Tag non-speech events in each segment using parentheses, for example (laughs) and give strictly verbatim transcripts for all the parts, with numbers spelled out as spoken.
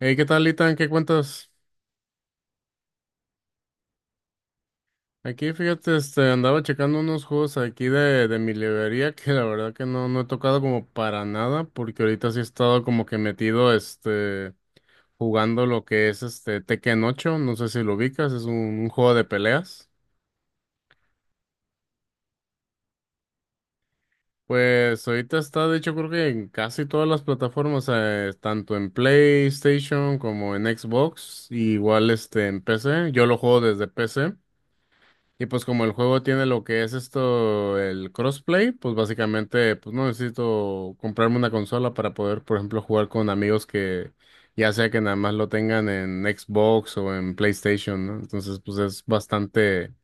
Hey, ¿qué tal, Itan? ¿Qué cuentas? Aquí, fíjate, este, andaba checando unos juegos aquí de, de mi librería que la verdad que no, no he tocado como para nada, porque ahorita sí he estado como que metido, este, jugando lo que es este Tekken ocho. No sé si lo ubicas, es un, un juego de peleas. Pues ahorita está, de hecho, creo que en casi todas las plataformas, eh, tanto en PlayStation como en Xbox, igual este en P C. Yo lo juego desde P C. Y pues como el juego tiene lo que es esto, el crossplay, pues básicamente pues no necesito comprarme una consola para poder, por ejemplo, jugar con amigos que ya sea que nada más lo tengan en Xbox o en PlayStation, ¿no? Entonces pues es bastante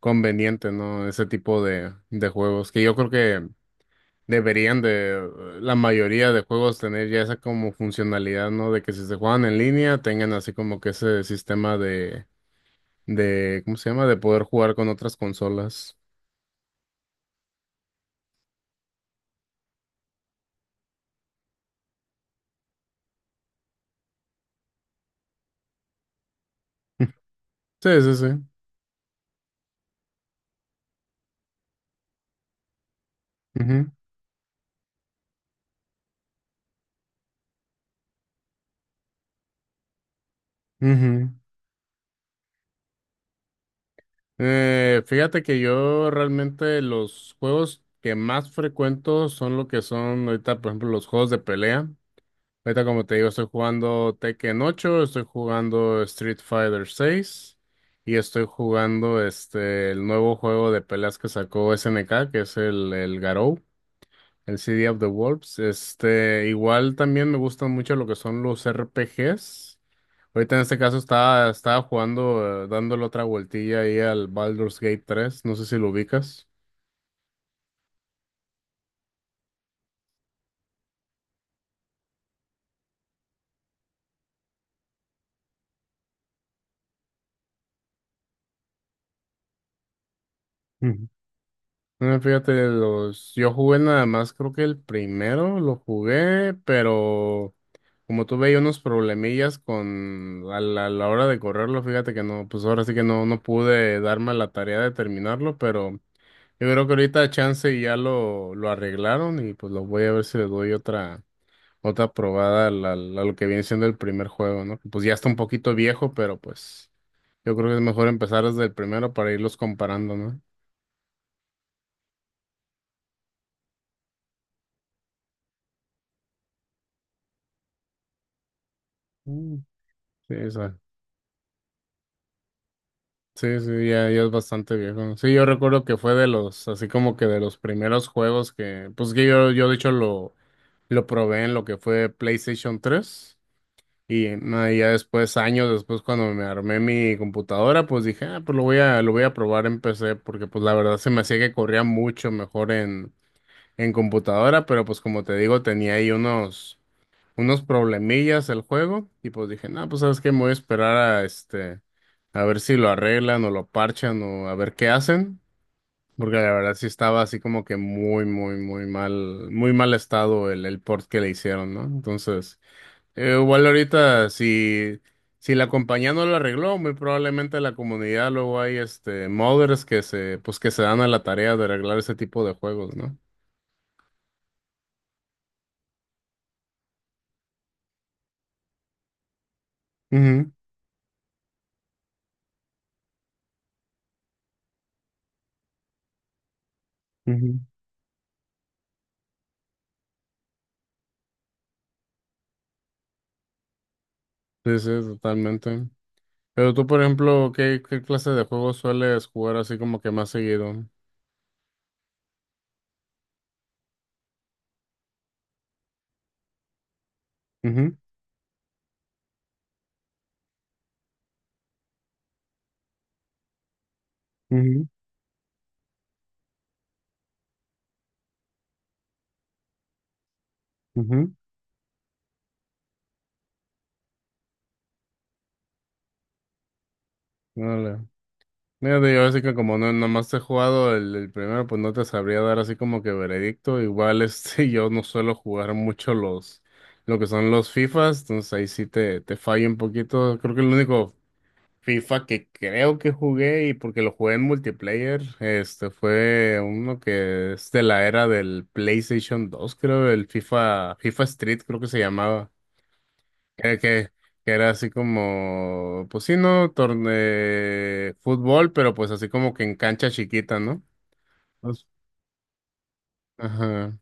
conveniente, ¿no? Ese tipo de, de juegos que yo creo que deberían de eh, la mayoría de juegos tener ya esa como funcionalidad, ¿no? De que si se juegan en línea tengan así como que ese sistema de de, ¿cómo se llama? De poder jugar con otras consolas. Sí, sí, sí. Ujú, ujú. Eh, fíjate que yo realmente los juegos que más frecuento son lo que son ahorita, por ejemplo, los juegos de pelea. Ahorita, como te digo, estoy jugando Tekken ocho, estoy jugando Street Fighter seis y estoy jugando este el nuevo juego de peleas que sacó S N K, que es el, el Garou. El City of the Wolves. Este, igual también me gustan mucho lo que son los R P Gs. Ahorita en este caso estaba, estaba jugando, eh, dándole otra vueltilla ahí al Baldur's Gate tres. No sé si lo ubicas. Ujú. Eh, Fíjate, los, yo jugué nada más, creo que el primero lo jugué, pero como tuve ahí unos problemillas con a la, a la hora de correrlo, fíjate que no, pues ahora sí que no, no pude darme la tarea de terminarlo, pero yo creo que ahorita chance ya lo, lo arreglaron y pues lo voy a ver si le doy otra, otra probada al- al- a, lo que viene siendo el primer juego, ¿no? Pues ya está un poquito viejo, pero pues yo creo que es mejor empezar desde el primero para irlos comparando, ¿no? Mm. Sí, esa- sí, sí, ya, ya es bastante viejo, ¿no? Sí, yo recuerdo que fue de los, así como que de los primeros juegos que, pues que yo, yo de hecho lo, lo probé en lo que fue PlayStation tres. Y no, y ya después, años después, cuando me armé mi computadora, pues dije, ah, pues lo voy a, lo voy a probar en P C, porque pues la verdad se me hacía que corría mucho mejor en, en computadora, pero pues como te digo, tenía ahí unos, unos problemillas el juego, y pues dije, no, pues sabes qué, me voy a esperar a este, a ver si lo arreglan o lo parchan o a ver qué hacen, porque la verdad sí estaba así como que muy, muy, muy mal, muy mal estado el, el port que le hicieron, ¿no? Entonces... Eh, igual ahorita, si, si la compañía no lo arregló, muy probablemente la comunidad luego hay este modders que se, pues que se dan a la tarea de arreglar ese tipo de juegos, ¿no? Ujú, ujú. Sí, sí, totalmente. Pero tú, por ejemplo, ¿qué, ¿qué clase de juegos sueles jugar así como que más seguido? Ujú, ujú, ujú. Órale. Mira, te digo, así que como no, nomás he jugado el, el primero, pues no te sabría dar así como que veredicto. Igual este, (laughs) yo no suelo jugar mucho los, lo que son los FIFAs, entonces ahí sí te, te fallo un poquito. Creo que el único FIFA que creo que jugué, y porque lo jugué en multiplayer, este fue uno que es de la era del PlayStation dos creo, el FIFA, FIFA Street creo que se llamaba. que, que- que era así como, pues sí, ¿no? Torne fútbol, pero pues así como que en cancha chiquita, ¿no? Pues, ajá.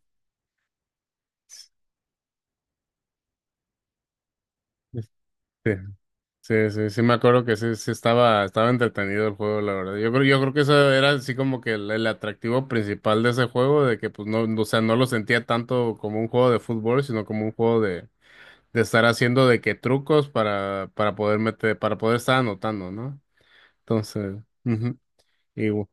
Sí, sí, sí, sí me acuerdo que sí, sí estaba, estaba entretenido el juego, la verdad. Yo creo, yo creo que eso era así como que el, el atractivo principal de ese juego, de que pues no, no- o sea, no lo sentía tanto como un juego de fútbol, sino como un juego de, de estar haciendo de que trucos para, para poder meter, para poder estar anotando, ¿no? Entonces, ujú, y, ujú.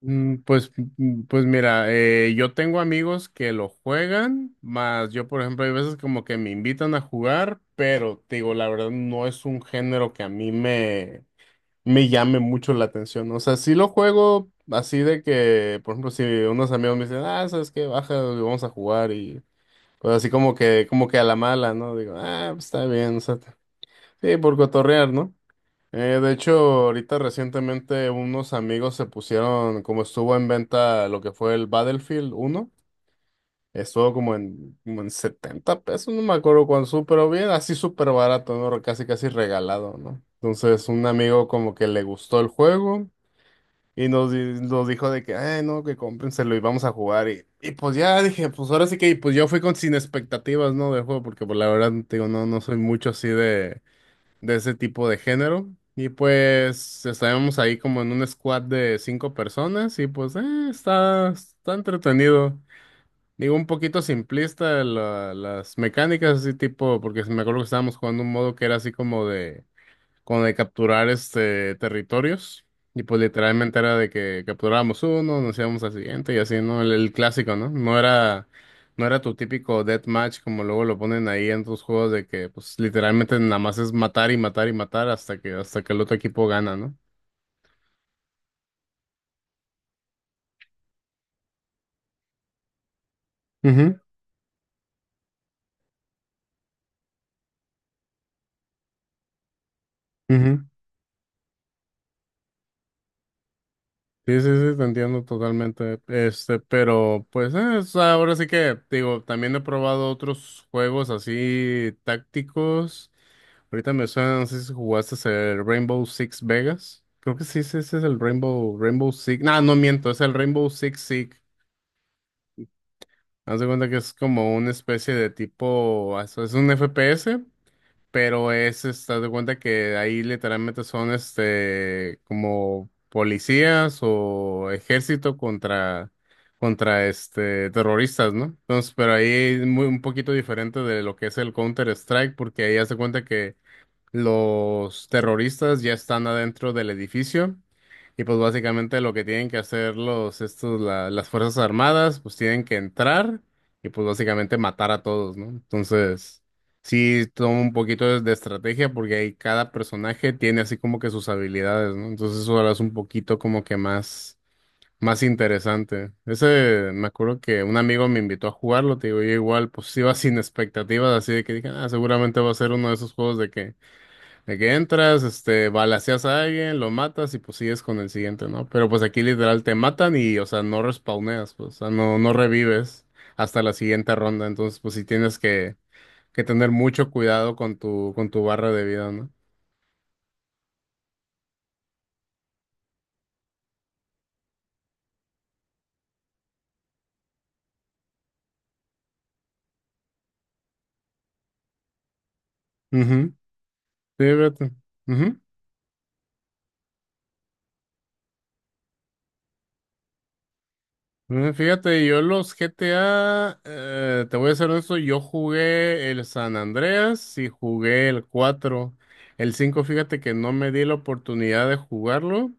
Mm, pues, mm, pues mira, eh, yo tengo amigos que lo juegan, más yo, por ejemplo, hay veces como que me invitan a jugar, pero te digo, la verdad no es un género que a mí me, me llame mucho la atención. O sea, sí lo juego así de que, por ejemplo, si unos amigos me dicen, ah, ¿sabes qué? Baja, vamos a jugar y pues así como que, como que a la mala, ¿no? Digo, ah, pues está bien, o sea, sí, por cotorrear, ¿no? Eh, de hecho, ahorita recientemente unos amigos se pusieron, como estuvo en venta lo que fue el Battlefield uno, estuvo como en, como en setenta pesos, no me acuerdo cuánto, pero bien, así súper barato, ¿no? Casi casi regalado, ¿no? Entonces un amigo como que le gustó el juego y nos, di- nos dijo de que, ay, no, que cómprenselo y vamos a jugar. Y, y pues ya dije, pues ahora sí que, y pues yo fui con sin expectativas, ¿no? Del juego, porque pues la verdad, te digo, no, no soy mucho así de de ese tipo de género. Y pues estábamos ahí como en un squad de cinco personas y pues eh, está, está entretenido. Digo, un poquito simplista la- las mecánicas así tipo, porque me acuerdo que estábamos jugando un modo que era así como de con de capturar este territorios. Y pues literalmente era de que capturábamos uno, nos íbamos al siguiente y así, ¿no? El, el clásico, ¿no? No era, no era tu típico deathmatch como luego lo ponen ahí en tus juegos de que pues literalmente nada más es matar y matar y matar hasta que, hasta que el otro equipo gana, no. Ujú, ujú. Sí, sí, sí, te entiendo totalmente. Este, pero pues eh, o sea, ahora sí que digo, también he probado otros juegos así tácticos. Ahorita me suena, no sé si jugaste el Rainbow Six Vegas. Creo que sí, sí, ese es el Rainbow, Rainbow Six. No, no miento, es el Rainbow Six Siege. Haz de cuenta que es como una especie de tipo, es es un F P S, pero es, estás de cuenta que ahí literalmente son este como policías o ejército contra contra este terroristas, ¿no? Entonces, pero ahí es muy un poquito diferente de lo que es el Counter Strike, porque ahí hace cuenta que los terroristas ya están adentro del edificio y pues básicamente lo que tienen que hacer los, estos, la- las Fuerzas Armadas, pues tienen que entrar y pues básicamente matar a todos, ¿no? Entonces, sí toma un poquito de, de estrategia porque ahí cada personaje tiene así como que sus habilidades, ¿no? Entonces eso ahora es un poquito como que más, más interesante. Ese, me acuerdo que un amigo me invitó a jugarlo, te digo, yo igual pues iba sin expectativas, así de que dije, ah, seguramente va a ser uno de esos juegos de que de que entras, este, balaceas a alguien, lo matas y pues sigues con el siguiente, ¿no? Pero pues aquí literal te matan y, o sea, no respawneas, pues, o sea, no, no revives hasta la siguiente ronda. Entonces, pues sí tienes que, que tener mucho cuidado con tu, con tu barra de vida, ¿no? Ujú, sí, fíjate. Ujú. Eh, Fíjate, yo los G T A, eh, te voy a ser honesto, yo jugué el San Andreas y jugué el cuatro. El cinco fíjate que no me di la oportunidad de jugarlo.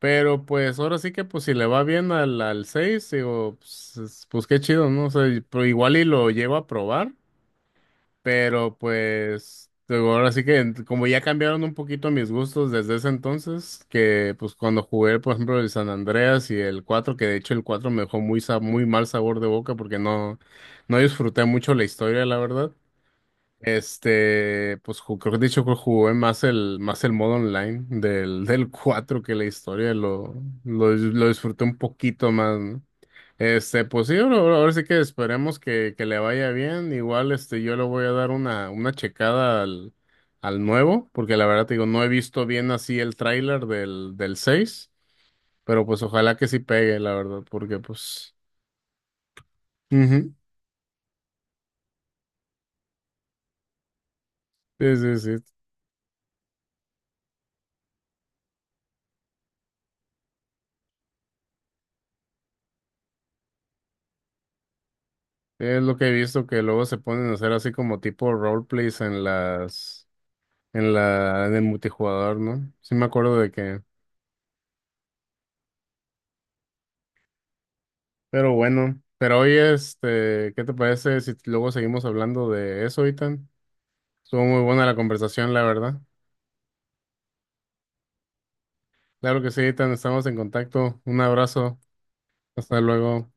Pero pues ahora sí que pues si le va bien al, al seis, digo, pues, es- pues, qué chido, ¿no? O sea, y- pero igual y lo llevo a probar, pero pues digo, ahora sí que en- como ya cambiaron un poquito mis gustos desde ese entonces, que pues cuando jugué, por ejemplo, el San Andreas y el cuatro, que de hecho el cuatro me dejó muy, sa- muy mal sabor de boca porque no, no disfruté mucho la historia, la verdad. Este, pues ju- creo que he dicho que jugué más el, más el modo online del, (laughs) del cuatro que la historia, lo, lo, dis- lo disfruté un poquito más, ¿no? Este, pues sí, ahora, ahora- ahora sí que esperemos que, que le vaya bien. Igual, este, yo le voy a dar una, una checada al, al nuevo, porque la verdad te digo, no he visto bien así el tráiler del, del seis, pero pues ojalá que sí pegue, la verdad, porque pues... ujú, sí, sí, sí. Es lo que he visto que luego se ponen a hacer así como tipo roleplays en las, en la, en el multijugador, ¿no? Sí me acuerdo de que, pero bueno, pero hoy este, ¿qué te parece si luego seguimos hablando de eso, Itan? Estuvo muy buena la conversación, la verdad. Claro que sí, Itan, estamos en contacto. Un abrazo, hasta luego.